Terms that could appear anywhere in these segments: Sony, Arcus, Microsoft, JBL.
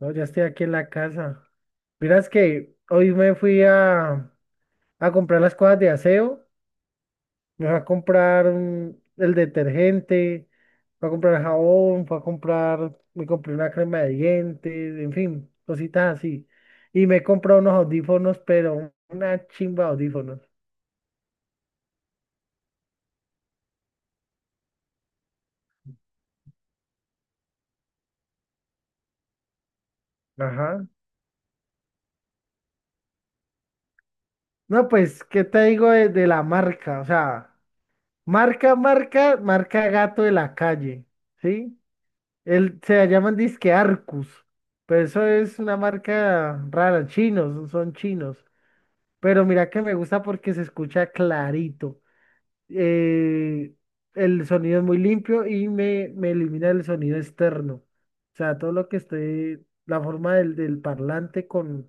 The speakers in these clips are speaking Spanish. No, ya estoy aquí en la casa. Miras que hoy me fui a comprar las cosas de aseo. Me fui a comprar el detergente, fui a comprar jabón, fui a comprar, me compré una crema de dientes, en fin, cositas así. Y me he comprado unos audífonos, pero una chimba de audífonos. Ajá. No, pues, ¿qué te digo de la marca? O sea, marca, marca, marca gato de la calle, ¿sí? Él, se llaman disque Arcus, pero eso es una marca rara, chinos, son chinos. Pero mira que me gusta porque se escucha clarito. eh, el sonido es muy limpio y me elimina el sonido externo. O sea, todo lo que esté, la forma del parlante con,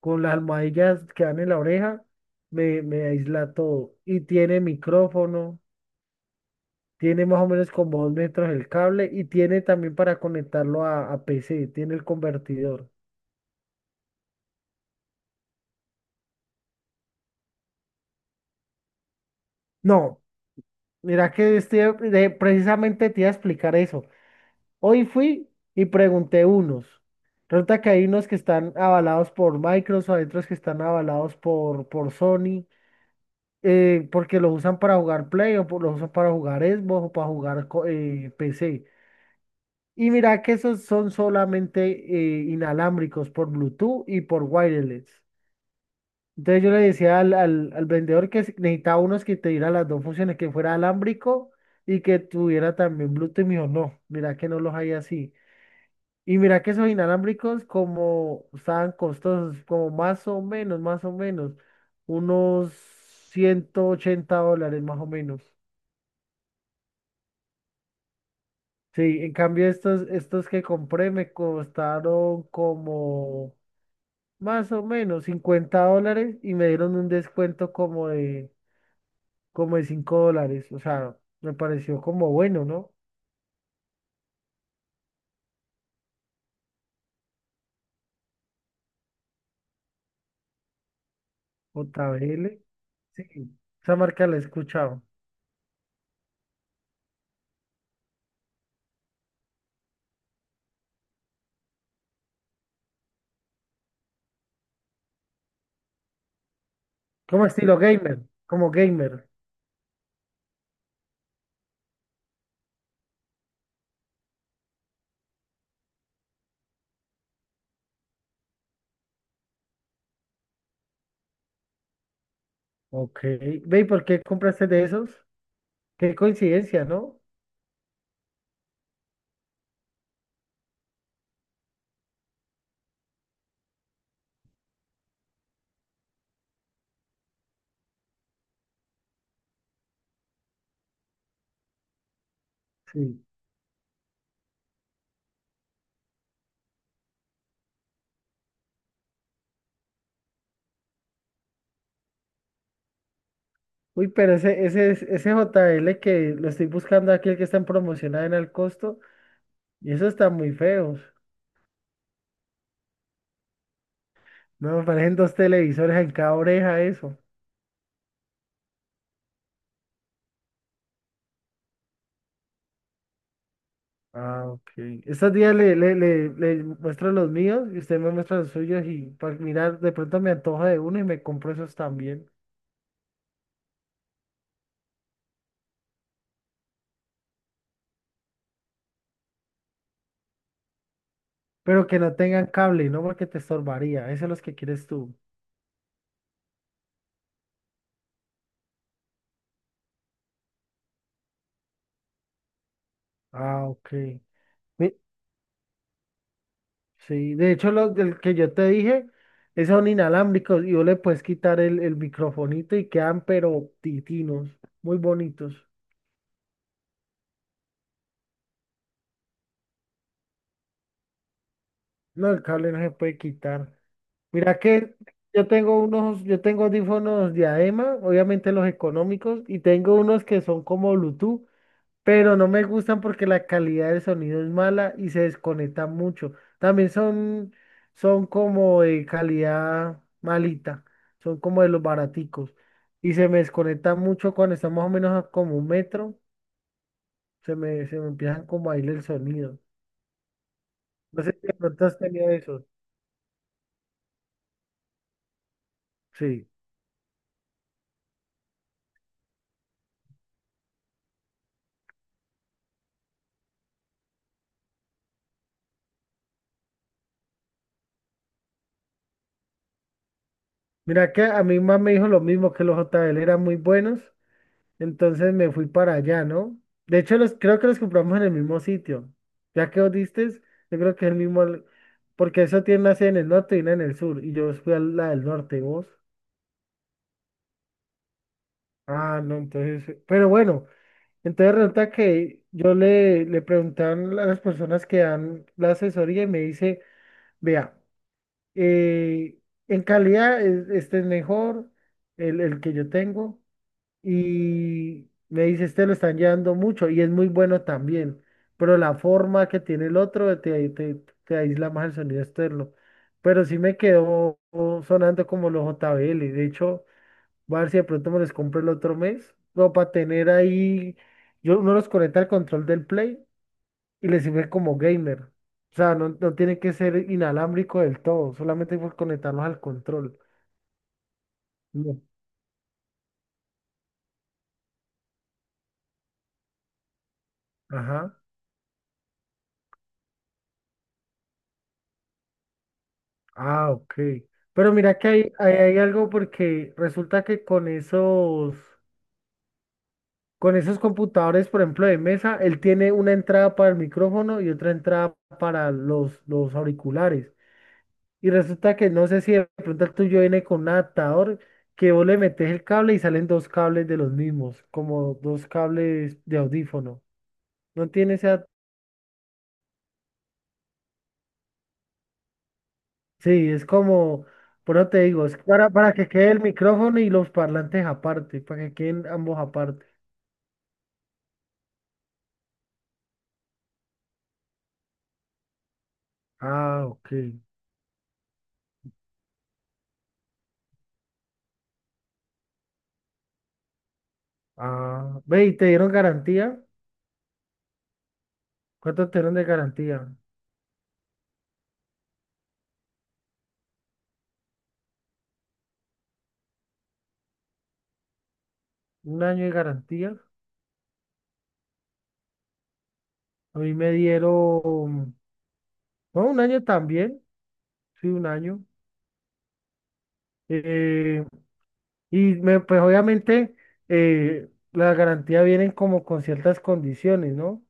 con las almohadillas que dan en la oreja, me aísla todo. Y tiene micrófono. Tiene más o menos como 2 metros el cable y tiene también para conectarlo a PC, tiene el convertidor. No, mira que estoy, precisamente te iba a explicar eso. Hoy fui y pregunté unos. Resulta que hay unos que están avalados por Microsoft, hay otros que están avalados por Sony, porque los usan para jugar Play o los usan para jugar Xbox o para jugar PC. Y mira que esos son solamente inalámbricos por Bluetooth y por wireless. Entonces yo le decía al vendedor que necesitaba unos que te dieran las dos funciones, que fuera alámbrico y que tuviera también Bluetooth. Y me dijo, no, mira que no los hay así. Y mira que esos inalámbricos como estaban costosos, como más o menos, unos $180 más o menos. Sí, en cambio estos que compré me costaron como más o menos $50 y me dieron un descuento como de $5. O sea, me pareció como bueno, ¿no? JBL. Sí, esa marca la he escuchado. Como estilo gamer, como gamer. Ok. Ve, ¿y por qué compraste de esos? Qué coincidencia, ¿no? Sí. Uy, pero ese JL que lo estoy buscando aquí, el que está en promocionado en al costo, y esos están muy feos. No, me parecen dos televisores en cada oreja eso. Ah, ok. Estos días le muestro los míos y usted me muestra los suyos y para mirar, de pronto me antoja de uno y me compro esos también. Pero que no tengan cable, ¿no? Porque te estorbaría. Esos son los que quieres tú. Ah, ok. Mi- Sí, de hecho, los del que yo te dije, esos son inalámbricos y vos le puedes quitar el microfonito y quedan pero titinos, muy bonitos. No, el cable no se puede quitar. Mira que yo tengo unos, yo tengo audífonos diadema, obviamente los económicos, y tengo unos que son como Bluetooth, pero no me gustan porque la calidad del sonido es mala y se desconecta mucho. También son como de calidad malita, son como de los baraticos. Y se me desconecta mucho cuando está más o menos a como un metro, se me empiezan como a ir el sonido. No sé si de pronto has tenido eso. Sí. Mira que a mi mamá me dijo lo mismo, que los JBL eran muy buenos. Entonces me fui para allá, ¿no? De hecho, creo que los compramos en el mismo sitio. Ya que vos diste, yo creo que es el mismo, porque eso tiene una sede en el norte y una en el sur, y yo fui a la del norte, ¿vos? Ah, no, entonces, pero bueno, entonces resulta que yo le preguntaron a las personas que dan la asesoría y me dice, vea, eh, en calidad este es mejor, el que yo tengo, y me dice, este lo están llevando mucho y es muy bueno también, pero la forma que tiene el otro te aísla más el sonido externo. Pero sí me quedó sonando como los JBL. De hecho, voy a ver si de pronto me los compro el otro mes, como para tener ahí, yo uno los conecta al control del Play y le sirve como gamer. O sea, no, no tiene que ser inalámbrico del todo, solamente por conectarlos al control. No. Ajá. Ah, ok. Pero mira que hay algo porque resulta que con esos computadores, por ejemplo, de mesa, él tiene una entrada para el micrófono y otra entrada para los auriculares. Y resulta que no sé si de pronto el tuyo viene con un adaptador que vos le metes el cable y salen dos cables de los mismos, como dos cables de audífono. No tiene ese. Sí, es como, por eso te digo, es para que quede el micrófono y los parlantes aparte, para que queden ambos aparte. Ah, ok. Ah, ve, ¿y te dieron garantía? ¿Cuánto te dieron de garantía? ¿Un año de garantía? A mí me dieron, no, un año también, sí, un año. Eh, pues obviamente la garantía vienen como con ciertas condiciones, ¿no?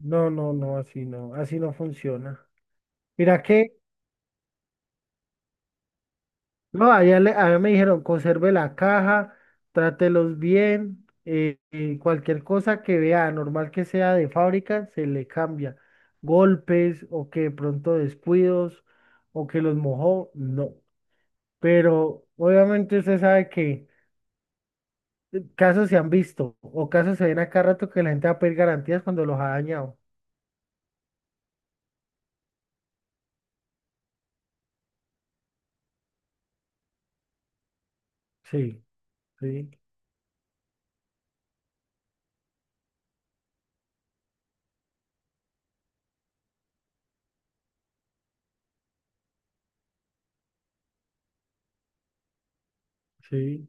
No, no, no, así no, así no funciona. Mira que No, allá allá me dijeron, conserve la caja, trátelos bien, cualquier cosa que vea, normal que sea de fábrica, se le cambia. Golpes o que de pronto descuidos o que los mojó, no. Pero obviamente usted sabe que casos se han visto o casos se ven a cada rato que la gente va a pedir garantías cuando los ha dañado. Sí, sí, sí.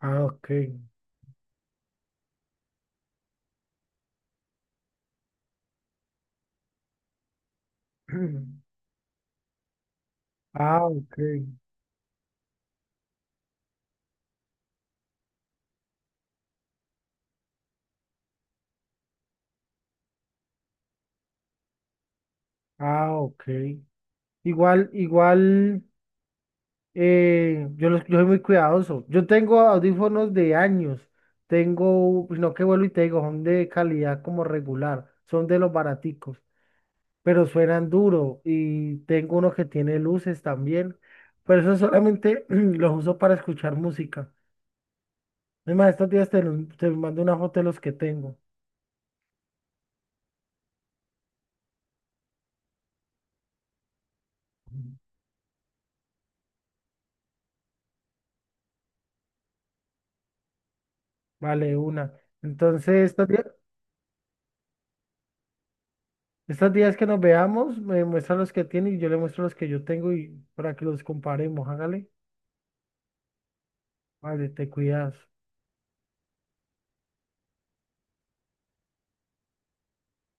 Ah, ok. Ah, ok. Ah, ok. Igual, igual. Yo soy muy cuidadoso. Yo tengo audífonos de años. Tengo, pues, no que vuelvo y te digo, son de calidad como regular. Son de los baraticos, pero suenan duro. Y tengo uno que tiene luces también. Pero eso solamente los uso para escuchar música. Es más, estos días te mando una foto de los que tengo. Vale, una. Entonces, estos días que nos veamos, me muestra los que tiene y yo le muestro los que yo tengo y para que los comparemos. Hágale. Vale, te cuidas.